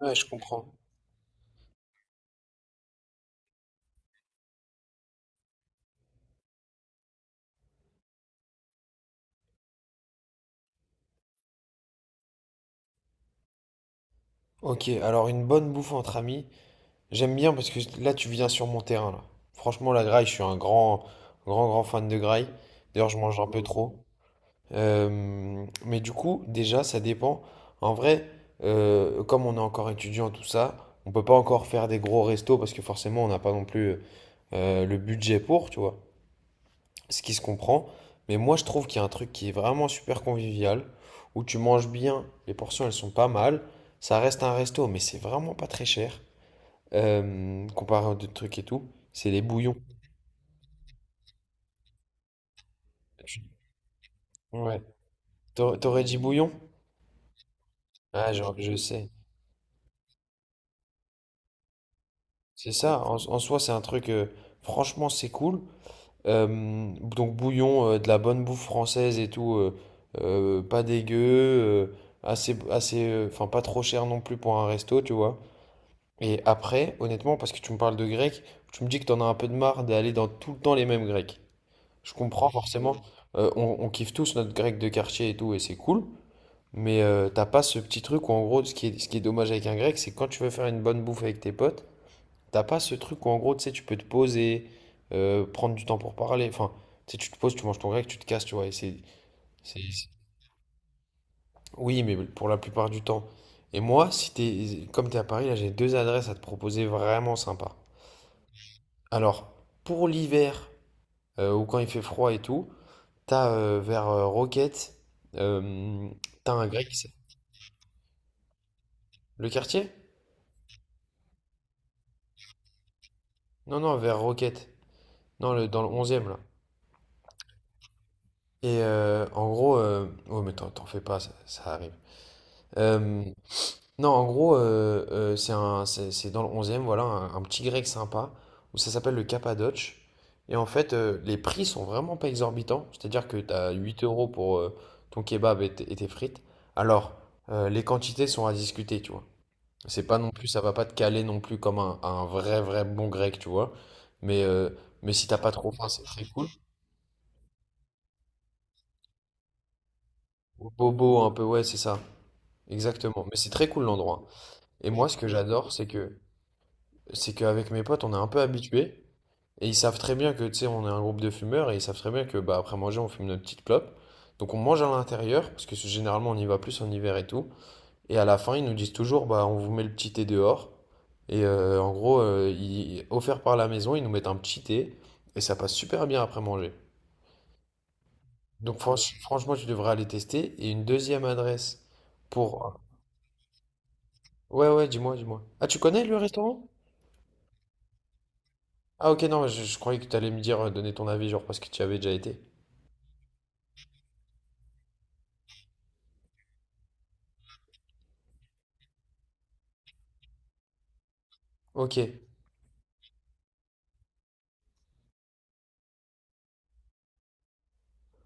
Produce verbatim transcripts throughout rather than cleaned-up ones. Ouais, je comprends. Ok, alors une bonne bouffe entre amis, j'aime bien parce que là tu viens sur mon terrain là. Franchement la graille, je suis un grand, grand, grand fan de graille. D'ailleurs je mange un peu trop. Euh, mais du coup déjà ça dépend. En vrai, euh, comme on est encore étudiant tout ça, on peut pas encore faire des gros restos parce que forcément on n'a pas non plus euh, le budget pour, tu vois. Ce qui se comprend. Mais moi, je trouve qu'il y a un truc qui est vraiment super convivial, où tu manges bien, les portions, elles sont pas mal. Ça reste un resto, mais c'est vraiment pas très cher, euh, comparé aux autres trucs et tout. C'est les bouillons. Tu- Ouais. T'aurais t'aurais dit bouillon? Ah, je, je sais. C'est ça, en, en soi, c'est un truc, euh, franchement, c'est cool. Euh, donc, bouillon, euh, de la bonne bouffe française et tout, euh, euh, pas dégueu, euh, assez, assez, euh, enfin, pas trop cher non plus pour un resto, tu vois. Et après, honnêtement, parce que tu me parles de grec, tu me dis que t'en as un peu de marre d'aller dans tout le temps les mêmes grecs. Je comprends forcément, euh, on, on kiffe tous notre grec de quartier et tout, et c'est cool, mais euh, t'as pas ce petit truc où en gros, ce qui est, ce qui est dommage avec un grec, c'est quand tu veux faire une bonne bouffe avec tes potes, t'as pas ce truc où en gros, tu sais, tu peux te poser, euh, prendre du temps pour parler, enfin, tu sais, tu te poses, tu manges ton grec, tu te casses, tu vois, et c'est... c'est- c'est- Oui, mais pour la plupart du temps. Et moi, si t'es, comme t'es à Paris, là, j'ai deux adresses à te proposer vraiment sympas. Alors, pour l'hiver, euh, ou quand il fait froid et tout, t'as euh, vers euh, Roquette, euh, t'as un grec. Le quartier? Non, non, vers Roquette. Non, le, dans le onzième là. Et euh, en gros, euh, ouais, mais t'en t'en fais pas, ça, ça arrive. Euh, Non, en gros, euh, euh, c'est un, c'est, c'est dans le onze voilà, un, un petit grec sympa, où ça s'appelle le Cappadoce. Et en fait, euh, les prix sont vraiment pas exorbitants, c'est-à-dire que tu as huit euros pour euh, ton kebab et, t- et tes frites. Alors, euh, les quantités sont à discuter, tu vois. C'est pas non plus, ça va pas te caler non plus comme un, un vrai, vrai bon grec, tu vois. Mais, euh, mais si t'as pas trop faim, c'est c'est bobo un peu, ouais, c'est ça. Exactement. Mais c'est très cool l'endroit. Et moi, ce que j'adore, c'est que c'est qu'avec mes potes, on est un peu habitué. Et ils savent très bien que, tu sais, on est un groupe de fumeurs et ils savent très bien que, bah, après manger, on fume notre petite clope. Donc on mange à l'intérieur, parce que généralement on y va plus en hiver et tout. Et à la fin, ils nous disent toujours, bah, on vous met le petit thé dehors. Et euh, en gros, euh, ils- offert par la maison, ils nous mettent un petit thé et ça passe super bien après manger. Donc franch- franchement, tu devrais aller tester. Et une deuxième adresse pour. Ouais, ouais, dis-moi, dis-moi. Ah, tu connais le restaurant? Ah, ok, non, je, je croyais que tu allais me dire, euh, donner ton avis, genre parce que tu y avais déjà été. Ok,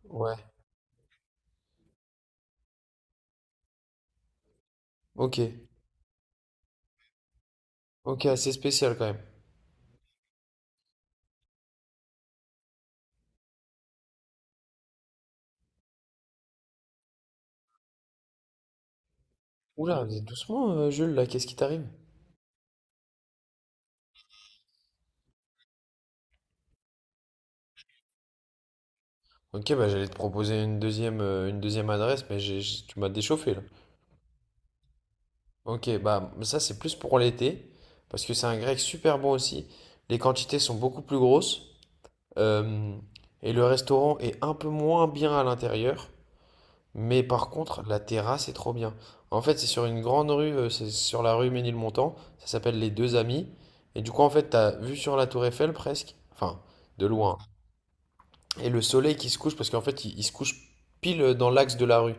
ouais, ok. Ok, assez spécial quand même. Oula, mais doucement, euh, Jules, là, qu'est-ce qui t'arrive? Ok, bah j'allais te proposer une deuxième, euh, une deuxième adresse, mais j'ai- j'ai- tu m'as déchauffé là. Ok, bah ça c'est plus pour l'été, parce que c'est un grec super bon aussi. Les quantités sont beaucoup plus grosses, euh, et le restaurant est un peu moins bien à l'intérieur, mais par contre, la terrasse est trop bien. En fait, c'est sur une grande rue, euh, c'est sur la rue Ménilmontant, ça s'appelle Les Deux Amis, et du coup, en fait, t'as vu sur la tour Eiffel presque, enfin, de loin. Et le soleil qui se couche, parce qu'en fait, il, il se couche pile dans l'axe de la rue.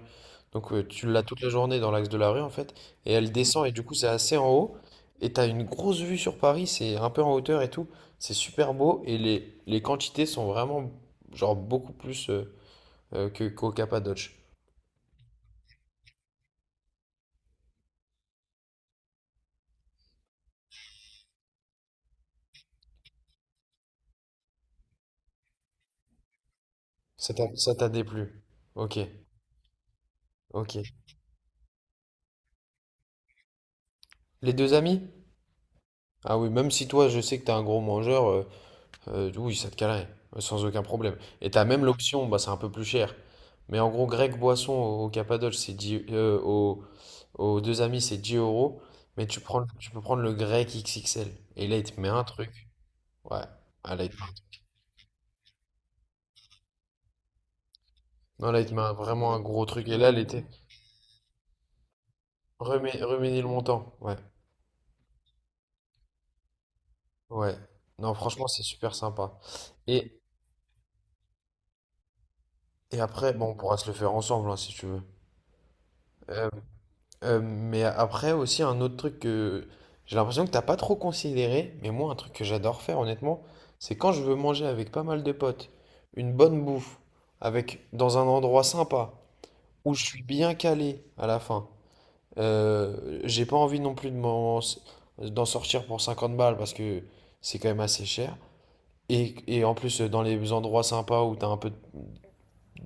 Donc euh, tu l'as toute la journée dans l'axe de la rue, en fait. Et elle descend, et du coup, c'est assez en haut. Et t'as une grosse vue sur Paris, c'est un peu en hauteur et tout. C'est super beau, et les, les quantités sont vraiment, genre, beaucoup plus euh, euh, que, qu'au Cappadoce. Ça t'a ça t'a déplu. Ok, ok. Les deux amis? Ah oui, même si toi, je sais que t'es un gros mangeur, euh, Euh, oui, ça te calerait, euh, sans aucun problème. Et t'as même l'option, bah c'est un peu plus cher. Mais en gros, grec boisson au, au Cappadoce, c'est dix. euh, au- Aux deux amis, c'est dix euros. Mais tu prends, tu peux prendre le grec X X L. Et là, il te met un truc. Ouais. Ah, là, il te- Non, là, il te met un- vraiment un gros truc. Et là, l'été, remets, remets le montant. Ouais. Ouais. Non, franchement, c'est super sympa. Et, et, après, bon, on pourra se le faire ensemble, hein, si tu veux. Euh, Euh, mais après aussi un autre truc que j'ai l'impression que t'as pas trop considéré, mais moi un truc que j'adore faire honnêtement, c'est quand je veux manger avec pas mal de potes, une bonne bouffe, avec dans un endroit sympa, où je suis bien calé à la fin. Euh, j'ai pas envie non plus de m'en- d'en sortir pour cinquante balles parce que c'est quand même assez cher. Et, et en plus dans les endroits sympas où t'as un peu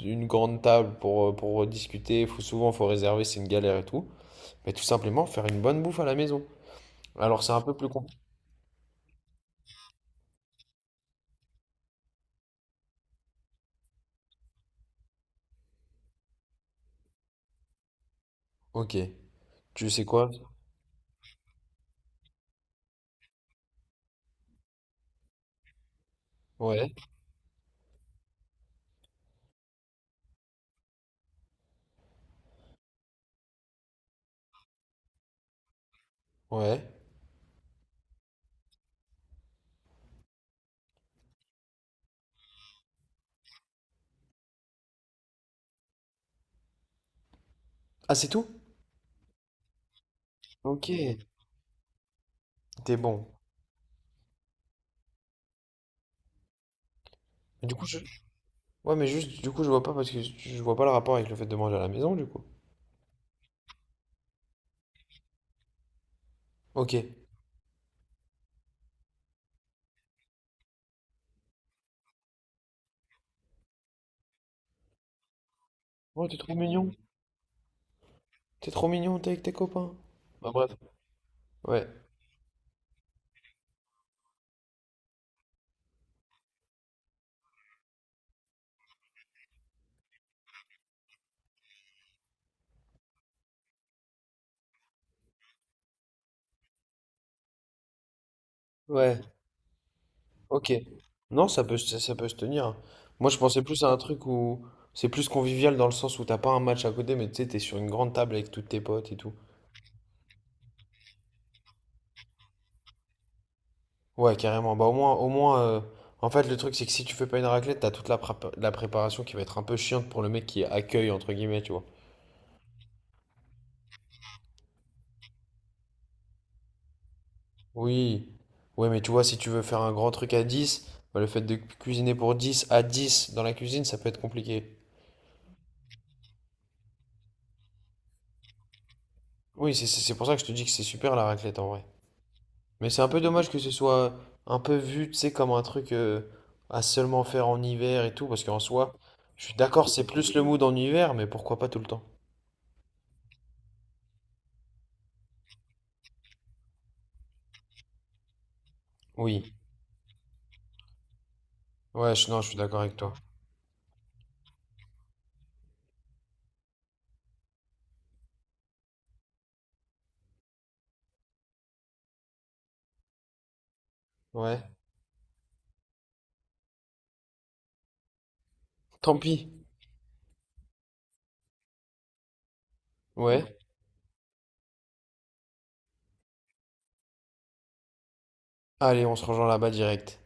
une grande table pour, pour discuter, faut souvent faut réserver, c'est une galère et tout. Mais tout simplement faire une bonne bouffe à la maison. Alors c'est un peu plus compliqué. Ok. Tu sais quoi? Ouais. Ouais. Ah, c'est tout? Ok. T'es bon. Du coup, je. Ouais, mais juste, du coup, je vois pas parce que je je vois pas le rapport avec le fait de manger à la maison, du coup. Ok. Oh, t'es trop mignon. T'es trop mignon, t'es avec tes copains. Bah, bref. Ouais. Ouais. Ok. Non, ça peut, se- ça peut se tenir. Moi, je pensais plus à un truc où c'est plus convivial dans le sens où t'as pas un match à côté, mais tu sais, t'es sur une grande table avec tous tes potes et tout. Ouais, carrément. Bah, au moins, au moins euh, en fait, le truc, c'est que si tu fais pas une raclette, t'as toute la, prépa- la préparation qui va être un peu chiante pour le mec qui accueille, entre guillemets, tu vois. Oui. Ouais, mais tu vois, si tu veux faire un grand truc à dix bah, le fait de cu- cuisiner pour dix à dix dans la cuisine, ça peut être compliqué. Oui, c'est c'est- c'est pour ça que je te dis que c'est super la raclette en vrai. Mais c'est un peu dommage que ce soit un peu vu, tu sais, comme un truc euh, à seulement faire en hiver et tout, parce qu'en soi, je suis d'accord, c'est plus le mood en hiver, mais pourquoi pas tout le temps? Oui. Ouais, je- non, je suis d'accord avec toi. Ouais. Tant pis, ouais. Allez, on se rejoint là-bas direct.